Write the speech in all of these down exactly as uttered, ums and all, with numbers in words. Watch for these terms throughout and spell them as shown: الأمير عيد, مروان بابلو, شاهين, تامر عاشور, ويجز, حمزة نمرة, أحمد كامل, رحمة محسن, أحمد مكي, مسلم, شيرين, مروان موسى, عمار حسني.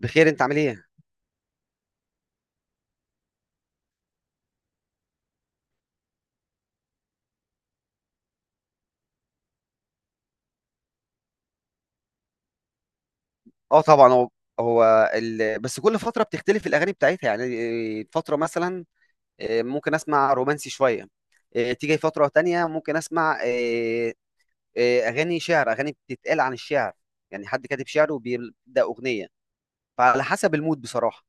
بخير، انت عامل ايه؟ اه طبعا. هو هو ال... بس كل فتره بتختلف الاغاني بتاعتها. يعني إيه، فتره مثلا إيه، ممكن اسمع رومانسي شويه. إيه، تيجي فتره تانية ممكن اسمع إيه، إيه، اغاني شعر، اغاني بتتقال عن الشعر. يعني حد كاتب شعر وبيبدا اغنيه، فعلى حسب المود بصراحه.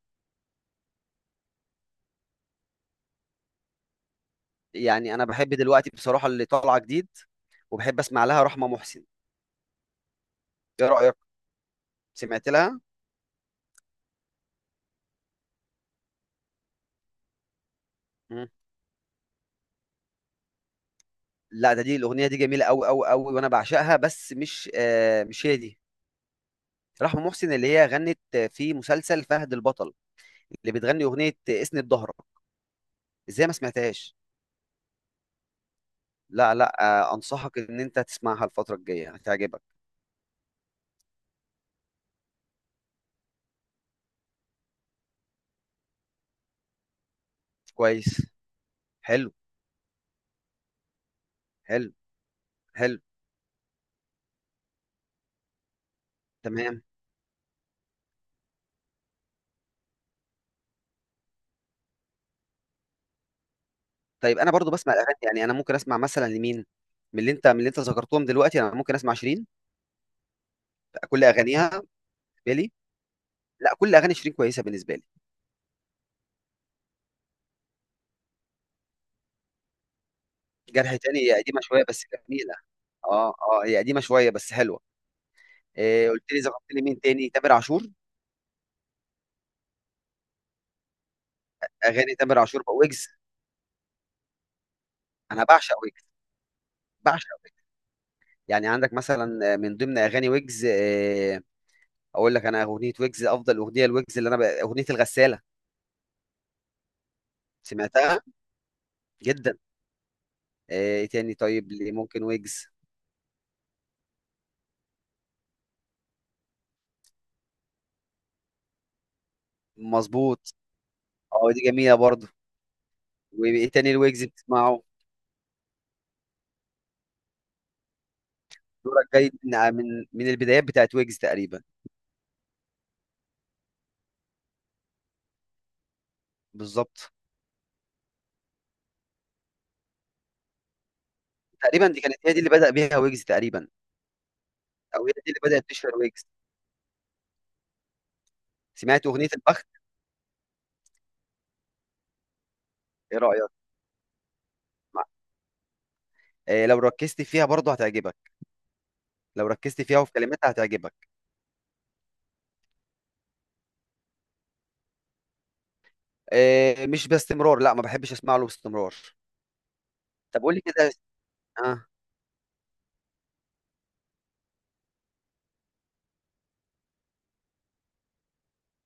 يعني انا بحب دلوقتي بصراحه اللي طالعه جديد، وبحب اسمع لها رحمه محسن. ايه رايك؟ سمعت لها؟ مم. لا ده دي الاغنيه دي جميله قوي قوي قوي وانا بعشقها، بس مش آه مش هي دي. رحمة محسن اللي هي غنت في مسلسل فهد البطل، اللي بتغني أغنية اسند ظهرك. ازاي ما سمعتهاش؟ لا لا. آه، أنصحك إن أنت تسمعها الفترة الجاية، هتعجبك. كويس. حلو. حلو حلو. تمام. طيب أنا برضو بسمع الأغاني. يعني أنا ممكن أسمع مثلا لمين من اللي أنت من اللي أنت ذكرتهم دلوقتي؟ أنا ممكن أسمع شيرين، كل أغانيها بالنسبة لي. لا كل أغاني شيرين كويسة بالنسبة لي. جرح تاني هي قديمة شوية بس جميلة. اه اه هي قديمة شوية بس حلوة. إيه قلت لي ذكرت لي مين تاني؟ تامر عاشور. أغاني تامر عاشور، بقى ويجز. انا بعشق ويجز، بعشق ويجز. يعني عندك مثلا من ضمن اغاني ويجز، آه، اقول لك انا اغنيه ويجز، افضل اغنيه لويجز اللي انا ب... اغنيه الغساله. سمعتها؟ جدا. آه، ايه تاني طيب اللي ممكن ويجز؟ مظبوط. اه دي جميله برضه. وايه تاني الويجز بتسمعه؟ دورك جاي من من من البدايات بتاعت ويجز تقريبا. بالظبط. تقريبا دي كانت هي دي اللي بدأ بيها ويجز تقريبا، او هي دي اللي بدأت تشهر ويجز. سمعت اغنيه البخت؟ ايه رأيك؟ مع- آه، لو ركزت فيها برضه هتعجبك. لو ركزت فيها وفي كلماتها هتعجبك. آه، مش باستمرار. لا ما بحبش اسمع له باستمرار. طب قول لي كده. اه.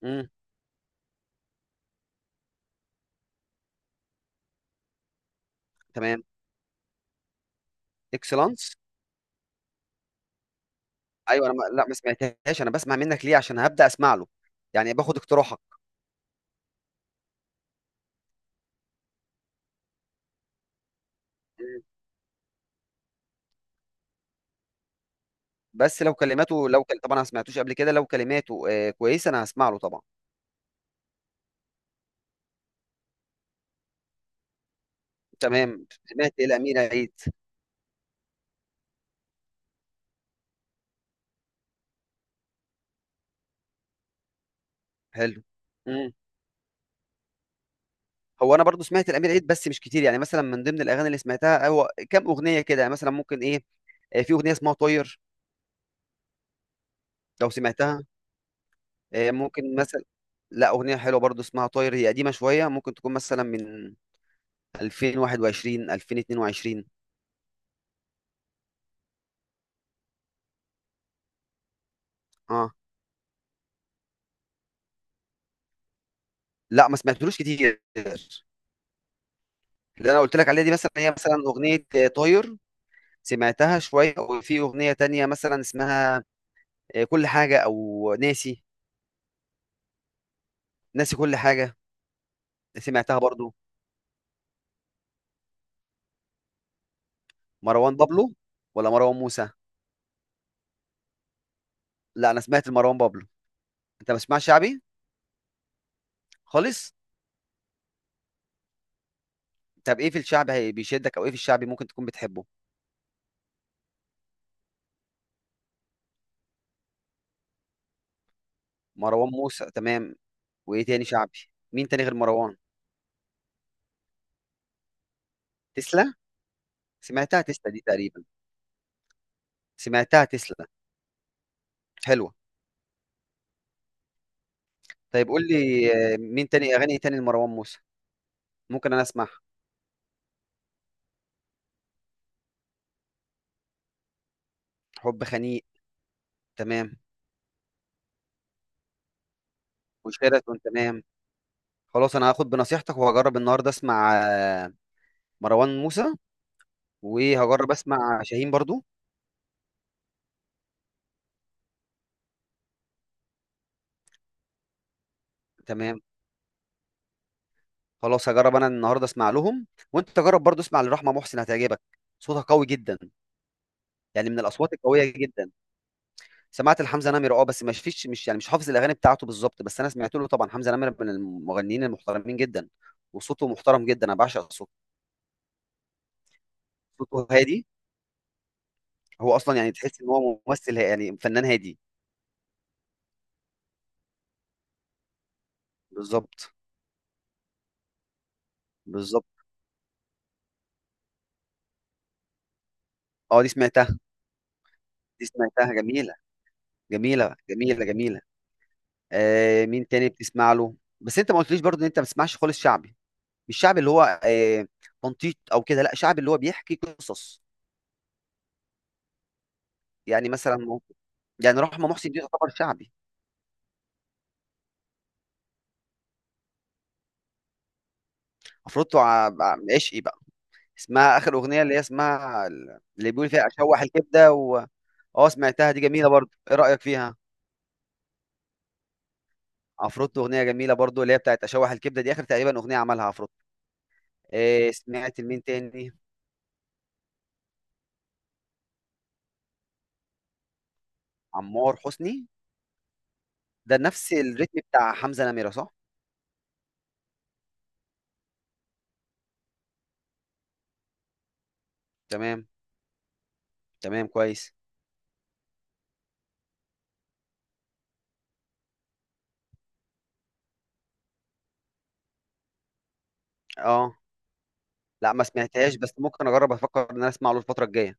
امم. تمام. اكسلانس. ايوه انا ما... لا ما سمعتهاش. انا بسمع منك ليه، عشان هبدا اسمع له. يعني باخد اقتراحك. مم. بس لو كلماته لو كل... طبعا انا ما سمعتوش قبل كده، لو كلماته آه كويسه انا هسمع له طبعا. تمام سمعت الامير عيد. حلو. مم. هو انا برضو سمعت الامير عيد بس مش كتير. يعني مثلا من ضمن الاغاني اللي سمعتها هو كام اغنيه كده، يعني مثلا ممكن ايه. آه، في اغنيه اسمها طاير، لو سمعتها. آه، ممكن مثلا، لا أغنية حلوة برضو اسمها طاير، هي قديمة شوية ممكن تكون مثلا من ألفين وواحد وعشرين ألفين واتنين وعشرين. اه لا ما سمعتلوش كتير. اللي انا قلت لك عليها دي مثلا هي مثلا أغنية آه، طاير، سمعتها شوية. وفي أغنية تانية مثلا اسمها آه، كل حاجة أو ناسي، ناسي كل حاجة. سمعتها برضو. مروان بابلو ولا مروان موسى؟ لا أنا سمعت مروان بابلو. أنت ما بتسمعش شعبي خالص؟ طب إيه في الشعب هي- بيشدك؟ أو إيه في الشعبي ممكن تكون بتحبه؟ مروان موسى تمام. وايه تاني شعبي؟ مين تاني غير مروان؟ تسلا. سمعتها، تسلا دي تقريبا سمعتها. تسلا حلوة. طيب قول لي. آه، مين تاني اغاني، إيه تاني لمروان موسى ممكن انا اسمع؟ حب خنيق تمام. وشيراتون تمام. خلاص انا هاخد بنصيحتك وهجرب النهارده اسمع آه، مروان موسى، وهجرب اسمع شاهين برضو. تمام خلاص هجرب انا النهارده اسمع لهم. وانت تجرب برضو اسمع لرحمة محسن، هتعجبك. صوتها قوي جدا، يعني من الاصوات القوية جدا. سمعت لحمزة نمرة اه، بس مش فيش مش يعني مش حافظ الاغاني بتاعته بالظبط، بس انا سمعت له طبعا. حمزة نمرة من المغنيين المحترمين جدا، وصوته محترم جدا، انا بعشق صوته. صوته هادي. هو اصلا يعني تحس ان هو ممثل ها- يعني فنان هادي. بالظبط بالظبط. اه دي سمعتها، دي سمعتها جميلة. جميلة جميلة جميلة. آه مين تاني بتسمع له؟ بس انت ما قلتليش برضه ان انت ما بتسمعش خالص شعبي؟ مش شعبي اللي هو آه تنطيط او كده، لا شعبي اللي هو بيحكي قصص. يعني مثلا مو- يعني رحمة محسن دي تعتبر شعبي؟ افرطه ع- ع- عشقي بقى. اسمها اخر اغنيه اللي هي اسمها ال- اللي بيقول فيها اشوح الكبده و... اه سمعتها، دي جميله برضو. ايه رايك فيها؟ عفروتو اغنيه جميله برضو، اللي هي بتاعت اشوح الكبده، دي اخر تقريبا اغنيه عملها عفروتو. إيه سمعت لمين تاني؟ عمار حسني، ده نفس الريتم بتاع حمزه نميره صح؟ تمام تمام كويس. اه لا ما سمعتهاش، بس ممكن اجرب افكر ان انا اسمع له الفتره الجايه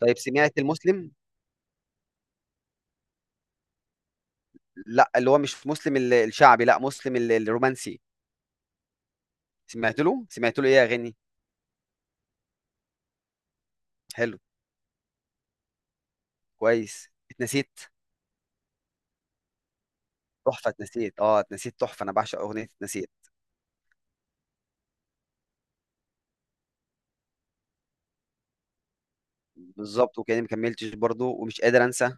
طيب سمعت المسلم؟ لا اللي هو مش مسلم ال- الشعبي، لا مسلم ال- الرومانسي. سمعت له. سمعت له ايه يا غني. حلو. كويس. اتنسيت تحفه. اتنسيت اه، اتنسيت تحفه، انا بعشق اغنيه اتنسيت. بالظبط. وكاني ما كملتش برضو، ومش قادر انسى.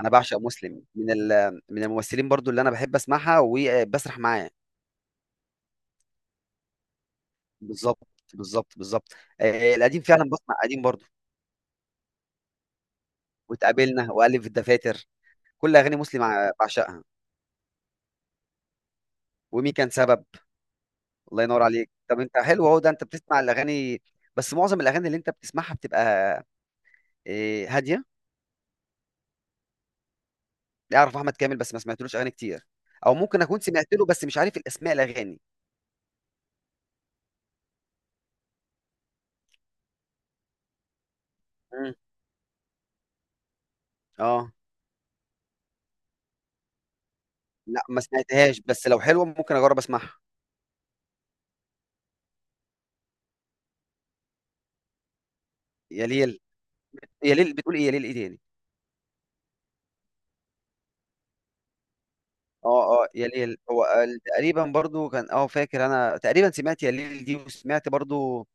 انا بعشق مسلم من ال... من الممثلين برضو اللي انا بحب اسمعها وبسرح معاه. بالظبط بالظبط بالظبط. آه القديم فعلا، بسمع قديم برضو. واتقابلنا والف الدفاتر. كل اغاني مسلم ع- بعشقها. ومين كان سبب. الله ينور عليك. طب انت حلو اهو، ده انت بتسمع الاغاني. بس معظم الاغاني اللي انت بتسمعها بتبقى آه، هاديه. اعرف احمد كامل بس ما سمعتلوش اغاني كتير، او ممكن اكون سمعت له بس مش عارف الاسماء الاغاني. مم. اه لا ما سمعتهاش، بس لو حلوه ممكن اجرب اسمعها. يا ليل، يا ليل بتقول ايه؟ يا ليل ايه تاني؟ اه اه يا ليل، هو قال- تقريبا برضو كان اه، فاكر انا تقريبا سمعت يا ليل دي، وسمعت برضو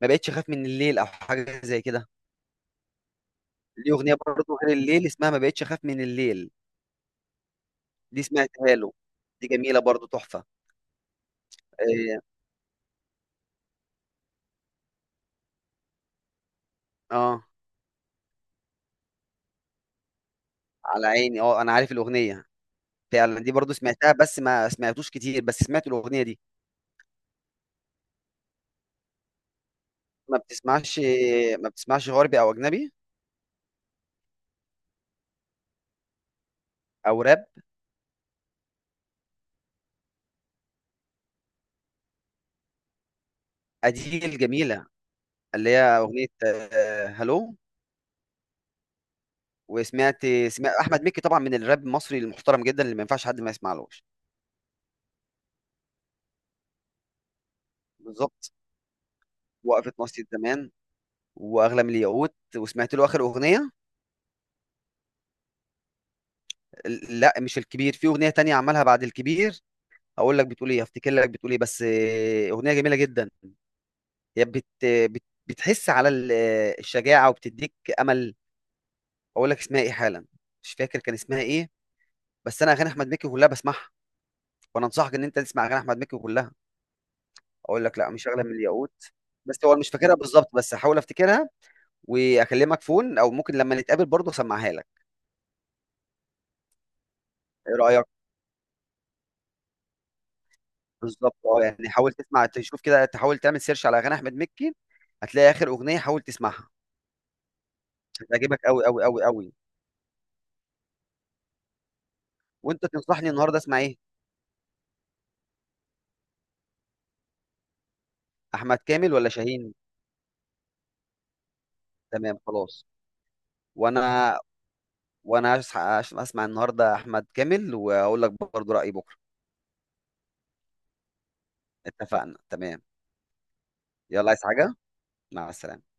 ما بقتش اخاف من الليل او حاجه زي كده. ليه اغنيه برضو غير الليل اسمها ما بقتش اخاف من الليل، دي سمعتها له. دي جميله برضو تحفه. إيه، اه على عيني، اه انا عارف الاغنيه. فعلا دي برضو سمعتها بس ما سمعتوش كتير، بس سمعت الأغنية دي. ما بتسمعش، ما بتسمعش غربي أو أجنبي أو راب؟ أديل جميلة، اللي هي أغنية آه، هلو. وسمعت سمعت أحمد مكي طبعا، من الراب المصري المحترم جدا اللي ما ينفعش حد ما يسمعلوش. بالظبط، وقفة مصري زمان، وأغلى من الياقوت. وسمعت له آخر أغنية. لا مش الكبير، في أغنية تانية عملها بعد الكبير. هقول لك بتقول إيه، هفتكر لك بتقول إيه، بس آه، أغنية جميلة جدا. هي بت... بت... بتحس على ال- الشجاعه وبتديك امل. اقول لك اسمها ايه حالا، مش فاكر كان اسمها ايه. بس انا اغاني احمد مكي كلها بسمعها، وانا انصحك ان انت تسمع اغاني احمد مكي كلها. اقول لك، لا مش اغلى من الياقوت. بس هو مش فاكرها بالظبط، بس هحاول افتكرها واكلمك فون، او ممكن لما نتقابل برضه اسمعها لك. ايه رايك؟ بالظبط اه. يعني حاول تسمع، تشوف كده، تحاول تعمل سيرش على اغاني احمد مكي، هتلاقي اخر اغنيه حاول تسمعها. هتعجبك قوي قوي قوي قوي. وانت تنصحني النهارده اسمع ايه؟ احمد كامل ولا شاهين؟ تمام خلاص. وانا وانا هس- هس- هسمع النهارده احمد كامل واقول لك برضو رايي بكره. اتفقنا تمام. يلا، عايز حاجه؟ مع السلامه.